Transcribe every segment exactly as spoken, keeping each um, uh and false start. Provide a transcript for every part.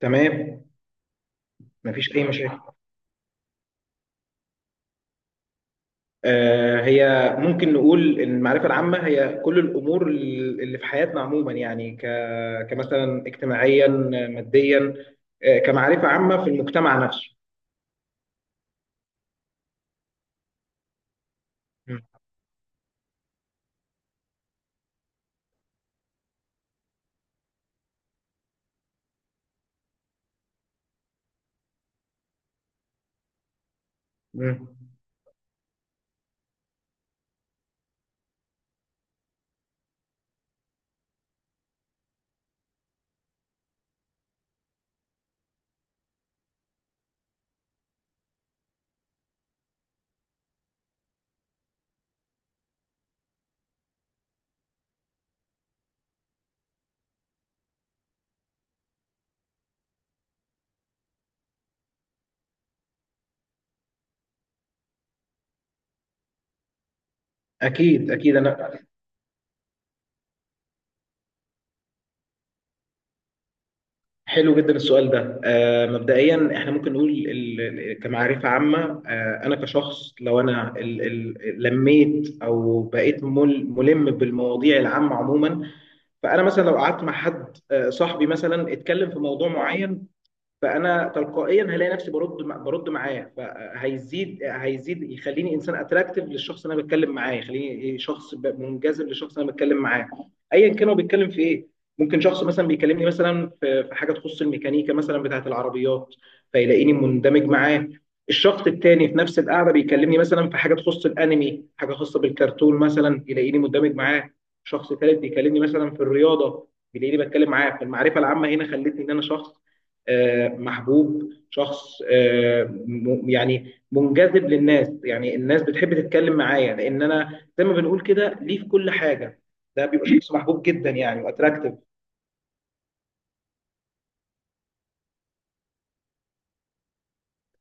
تمام. مفيش اي مشاكل. آه هي ممكن نقول ان المعرفه العامه هي كل الامور اللي في حياتنا عموما، يعني ك كمثلا اجتماعيا، ماديا، آه كمعرفه عامه في المجتمع نفسه. مم. مم. اكيد اكيد انا. حلو جدا السؤال ده. آه مبدئيا احنا ممكن نقول ال- ال- كمعرفه عامه. آه انا كشخص لو انا ال- ال- لميت او بقيت مل- ملم بالمواضيع العامه عموما، فانا مثلا لو قعدت مع حد، آه، صاحبي مثلا، اتكلم في موضوع معين، فانا تلقائيا هلاقي نفسي برد. برد معاه، فهيزيد هيزيد يخليني انسان اتراكتيف للشخص اللي انا بتكلم معاه، يخليني شخص ب- منجذب للشخص اللي انا بتكلم معاه ايا كان هو بيتكلم في ايه. ممكن شخص مثلا بيكلمني مثلا في في حاجه تخص الميكانيكا مثلا بتاعه العربيات، فيلاقيني مندمج معاه. الشخص التاني في نفس القعده بيكلمني مثلا في حاجه تخص الانمي، حاجه خاصه بالكرتون مثلا، يلاقيني مندمج معاه. شخص ثالث بيكلمني مثلا في الرياضه، بيلاقيني بتكلم معاه. فالمعرفه العامه هنا خلتني ان انا شخص آه، محبوب، شخص آه، م- يعني منجذب للناس، يعني الناس بتحب تتكلم معايا لان انا زي ما بنقول كده ليه في كل حاجه. ده بيبقى شخص محبوب جدا يعني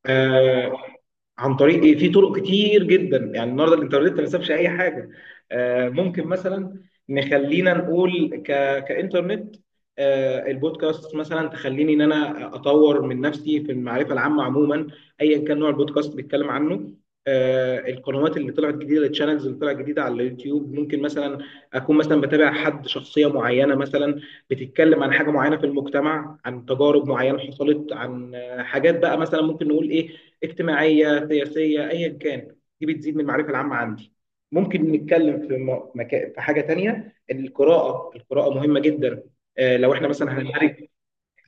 واتراكتيف. عن طريق ايه؟ في طرق كتير جدا يعني. النهارده الانترنت ما سابش اي حاجه. آه، ممكن مثلا نخلينا نقول ك... كانترنت، آه، البودكاست مثلا تخليني ان انا اطور من نفسي في المعرفه العامه عموما ايا كان نوع البودكاست بيتكلم عنه. آه، القنوات اللي طلعت جديده، الشانلز اللي طلعت جديده على اليوتيوب، ممكن مثلا اكون مثلا بتابع حد، شخصيه معينه مثلا بتتكلم عن حاجه معينه في المجتمع، عن تجارب معينه حصلت، عن آه، حاجات بقى مثلا ممكن نقول ايه، اجتماعيه، سياسيه، ايا كان، دي بتزيد من المعرفه العامه عندي. ممكن نتكلم في م- مكا... في حاجه تانية، إن القراءه، القراءه مهمه جدا. آه، لو احنا مثلا هنندرج.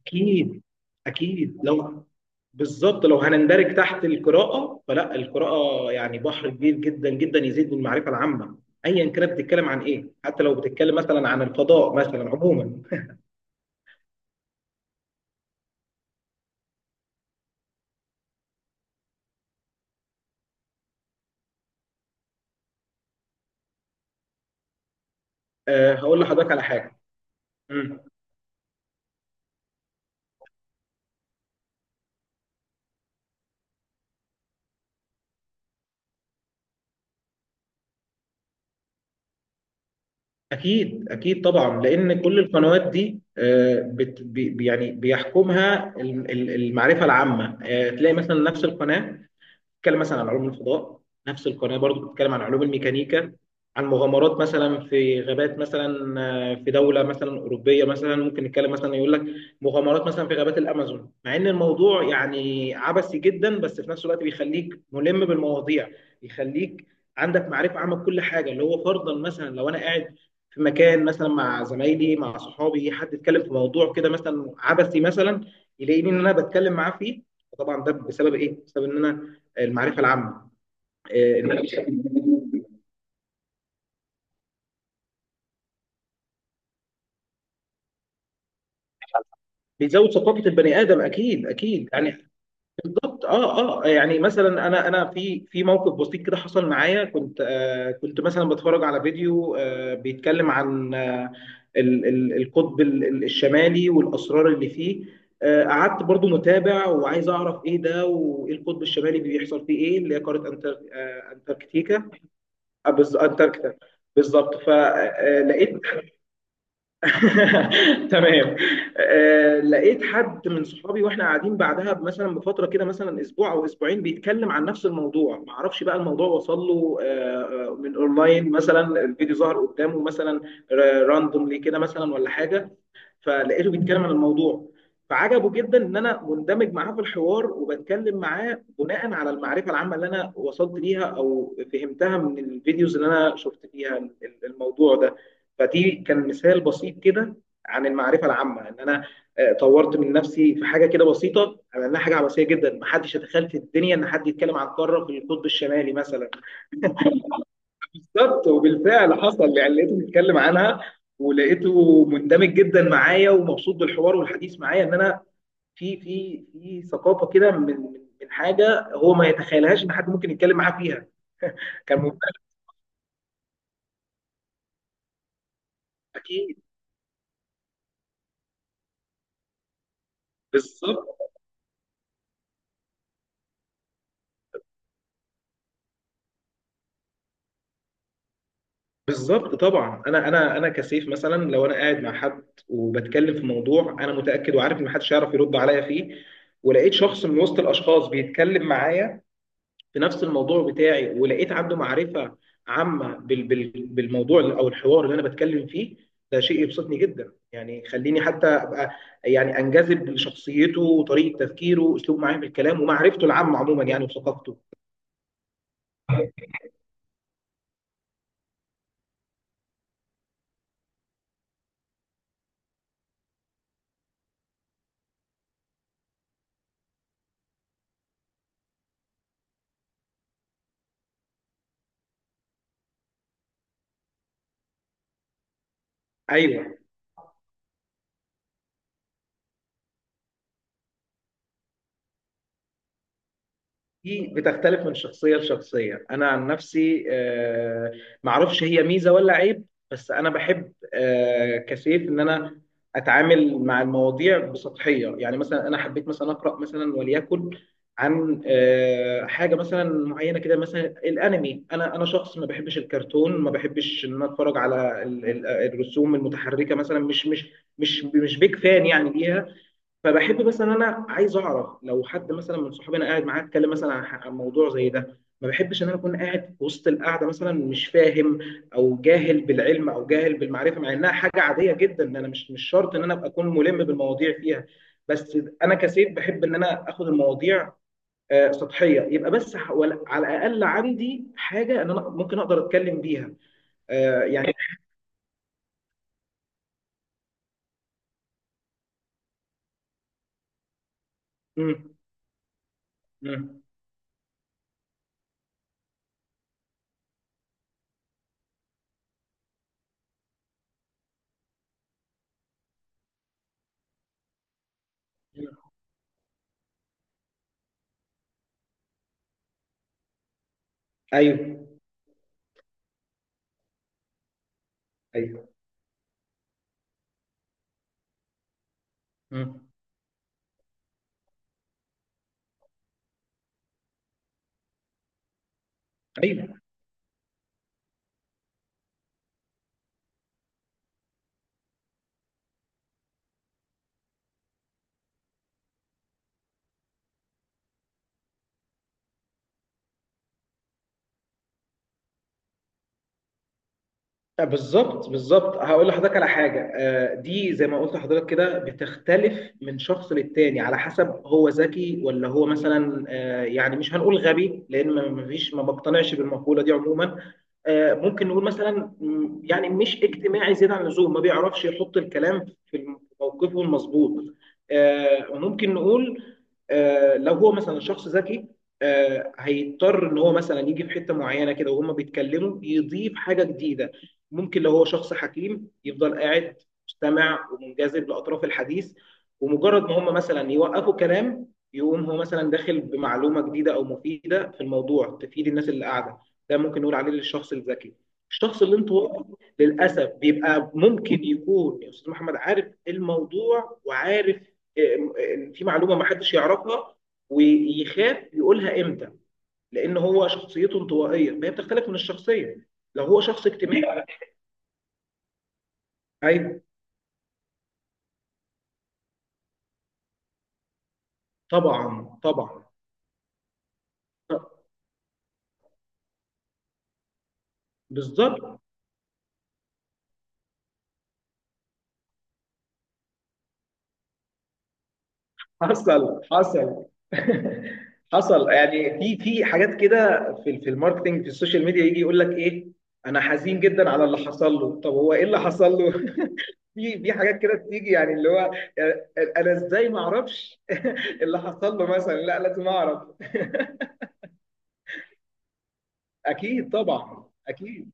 اكيد. اكيد لو، بالظبط، لو هنندرج تحت القراءه، فلا، القراءه يعني بحر كبير جدا جدا، يزيد من المعرفه العامه ايا كانت بتتكلم عن ايه، حتى لو بتتكلم مثلا عن الفضاء مثلا عموما. آه، هقول لحضرتك على حاجه. م. أكيد أكيد طبعا، لأن كل القنوات دي آه، بت بي يعني بيحكمها الم- ال- المعرفة العامة. آه، تلاقي مثلا نفس القناة بتتكلم مثلا عن علوم الفضاء، نفس القناه برضو بتتكلم عن علوم الميكانيكا، عن مغامرات مثلا في غابات مثلا، آه، في دوله مثلا اوروبيه مثلا، ممكن نتكلم مثلا، يقول لك مغامرات مثلا في غابات الامازون، مع ان الموضوع يعني عبثي جدا، بس في نفس الوقت بيخليك ملم بالمواضيع، بيخليك عندك معرفه عامه بكل حاجه، اللي هو فرضا مثلا لو انا قاعد في مكان مثلا مع زمايلي، مع صحابي، حد اتكلم في موضوع كده مثلا عبثي مثلا، يلاقيني ان انا بتكلم معاه فيه. وطبعا ده بسبب ايه؟ بسبب ان انا المعرفه العامه. بيزود ثقافه البني ادم اكيد اكيد يعني. بالضبط. اه اه، يعني مثلا انا انا في في موقف بسيط كده حصل معايا، كنت آه كنت مثلا بتفرج على فيديو آه بيتكلم عن آه ال- ال- القطب ال- ال- الشمالي والاسرار اللي فيه. آه قعدت برضو متابع وعايز اعرف ايه ده، وايه القطب الشمالي بيحصل فيه، ايه اللي هي قاره أنتر- آه، انتاركتيكا. آه، بز- انتاركتيكا، بالظبط. فلقيت تمام. آه، لقيت حد من صحابي، واحنا قاعدين بعدها مثلا بفتره كده مثلا اسبوع او اسبوعين، بيتكلم عن نفس الموضوع. ما اعرفش بقى الموضوع وصل له آه، آه، من اونلاين مثلا، الفيديو ظهر قدامه مثلا راندوملي كده مثلا ولا حاجه، فلقيته بيتكلم عن الموضوع، فعجبه جدا ان انا مندمج معاه في الحوار وبتكلم معاه بناء على المعرفه العامه اللي انا وصلت ليها او فهمتها من الفيديوز اللي انا شفت فيها ال- ال- الموضوع ده. فدي كان مثال بسيط كده عن المعرفه العامه، ان انا آه، طورت من نفسي في حاجه كده بسيطه، على انها حاجه عباسيه جدا، محدش يتخيل في الدنيا ان حد يتكلم عن قاره في القطب الشمالي مثلا. بالظبط، وبالفعل حصل يعني، لقيته بيتكلم عنها، ولقيته مندمج جدا معايا ومبسوط بالحوار والحديث معايا، ان انا في في في ثقافه كده من من من حاجه هو ما يتخيلهاش ان حد ممكن يتكلم معاه فيها. كان ممتع. اكيد. بالظبط بالظبط. طبعا انا انا انا كسيف، مثلا لو انا قاعد مع حد وبتكلم في موضوع انا متاكد وعارف ان محدش هيعرف يرد عليا فيه، ولقيت شخص من وسط الاشخاص بيتكلم معايا في نفس الموضوع بتاعي، ولقيت عنده معرفة عامة بال- بال- بالموضوع أو الحوار اللي أنا بتكلم فيه، ده شيء يبسطني جدا يعني، يخليني حتى أبقى يعني أنجذب لشخصيته وطريقة تفكيره وأسلوب معاه في الكلام ومعرفته العامة عموما يعني وثقافته. أيوه، دي بتختلف من شخصية لشخصية. أنا عن نفسي، آه، معرفش هي ميزة ولا عيب، بس أنا بحب آه، كسيف إن أنا أتعامل مع المواضيع بسطحية، يعني مثلا أنا حبيت مثلا أقرأ مثلا وليكن عن آه، حاجة مثلا معينة كده، مثلا الأنمي. أنا أنا شخص ما بحبش الكرتون، ما بحبش إن أنا أتفرج على ال- ال- الرسوم المتحركة مثلا، مش مش مش مش بيك فان يعني ليها. فبحب مثلا انا، عايز اعرف لو حد مثلا من صحابي انا قاعد معاه اتكلم مثلا عن ح- عن موضوع زي ده، ما بحبش ان انا اكون قاعد في وسط القعده مثلا مش فاهم او جاهل بالعلم او جاهل بالمعرفه، مع انها حاجه عاديه جدا ان انا مش مش شرط ان انا ابقى اكون ملم بالمواضيع فيها. بس انا كسيف بحب ان انا اخد المواضيع آه، سطحيه، يبقى بس ح- ولا- على الاقل عندي حاجه ان انا ممكن اقدر اتكلم بيها. آه، يعني مم، مم، مم. ايوه. ايوه. مم. ايوه. آه، بالظبط بالظبط. هقول لحضرتك على حاجه، آه، دي زي ما قلت لحضرتك كده بتختلف من شخص للتاني على حسب هو ذكي ولا هو مثلا، آه، يعني مش هنقول غبي لان ما ما فيش ما بقتنعش بالمقوله دي عموما. آه، ممكن نقول مثلا مم، يعني مش اجتماعي زياده عن اللزوم، ما بيعرفش يحط الكلام في موقفه المظبوط. آه، ممكن نقول، آه، لو هو مثلا شخص ذكي، آه، هيضطر ان هو مثلا يجي في حته معينه كده وهما بيتكلموا يضيف حاجه جديده. ممكن لو هو شخص حكيم يفضل قاعد مستمع ومنجذب لاطراف الحديث، ومجرد ما هما مثلا يوقفوا كلام، يقوم هو مثلا داخل بمعلومه جديده او مفيده في الموضوع تفيد الناس اللي قاعده. ده ممكن نقول عليه للشخص الذكي. الشخص الانطوائي للاسف بيبقى ممكن يكون يا استاذ محمد عارف الموضوع وعارف آه، آه، في معلومه ما حدش يعرفها، ويخاف يقولها امتى، لان هو شخصيته انطوائيه، فهي بتختلف من الشخصيه لو هو شخص اجتماعي. ايوه. طبعا طبعا. بالظبط. حصل حصل. حصل يعني، في في حاجات كده في في الماركتنج في السوشيال ميديا، يجي يقول لك ايه، انا حزين جدا على اللي حصل له، طب هو ايه اللي حصل له؟ في في حاجات كده بتيجي، يعني اللي هو يعني انا ازاي ما اعرفش اللي حصل له مثلا، لا لازم اعرف. اكيد طبعا اكيد.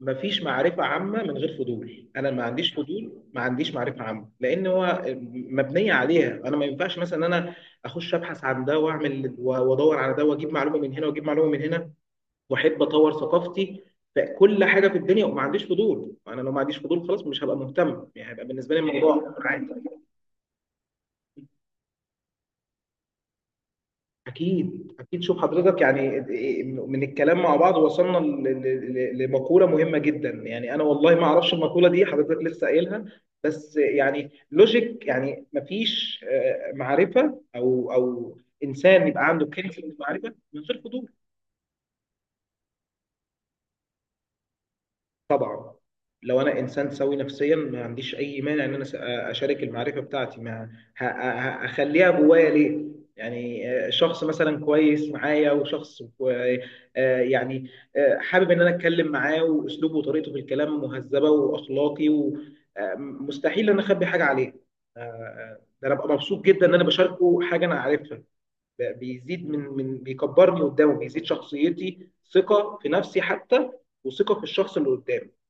مفيش معرفة عامة من غير فضول. أنا ما عنديش فضول، ما عنديش معرفة عامة، لأن هو مبنية عليها. أنا ما ينفعش مثلا أنا أخش أبحث عن ده وأعمل وأدور على ده، وأجيب معلومة من هنا وأجيب معلومة من هنا، وأحب أطور ثقافتي في كل حاجة في الدنيا، وما عنديش فضول. أنا لو ما عنديش فضول خلاص مش هبقى مهتم يعني، هيبقى بالنسبة لي الموضوع عادي. أكيد أكيد. شوف حضرتك يعني، من الكلام مع بعض وصلنا ل- ل- ل- لمقولة مهمة جدا يعني. أنا والله ما أعرفش المقولة دي، حضرتك لسه قايلها. بس يعني لوجيك يعني، مفيش آه، معرفة أو أو إنسان يبقى عنده كنز من المعرفة من غير فضول. طبعا. لو انا انسان سوي نفسيا، ما عنديش اي مانع ان انا س- اشارك المعرفه بتاعتي. ما ه- ه- اخليها جوايا ليه؟ يعني آه، شخص مثلا كويس معايا، وشخص كو- آه، يعني آه، حابب ان انا اتكلم معاه، واسلوبه وطريقته في الكلام مهذبه واخلاقي، ومستحيل ان انا اخبي حاجه عليه. آه، آه، ده انا ببقى مبسوط جدا ان انا بشاركه حاجه انا عارفها، ب- بيزيد من من بيكبرني قدامه، بيزيد شخصيتي، ثقه في نفسي حتى، وثقه في الشخص اللي قدامي.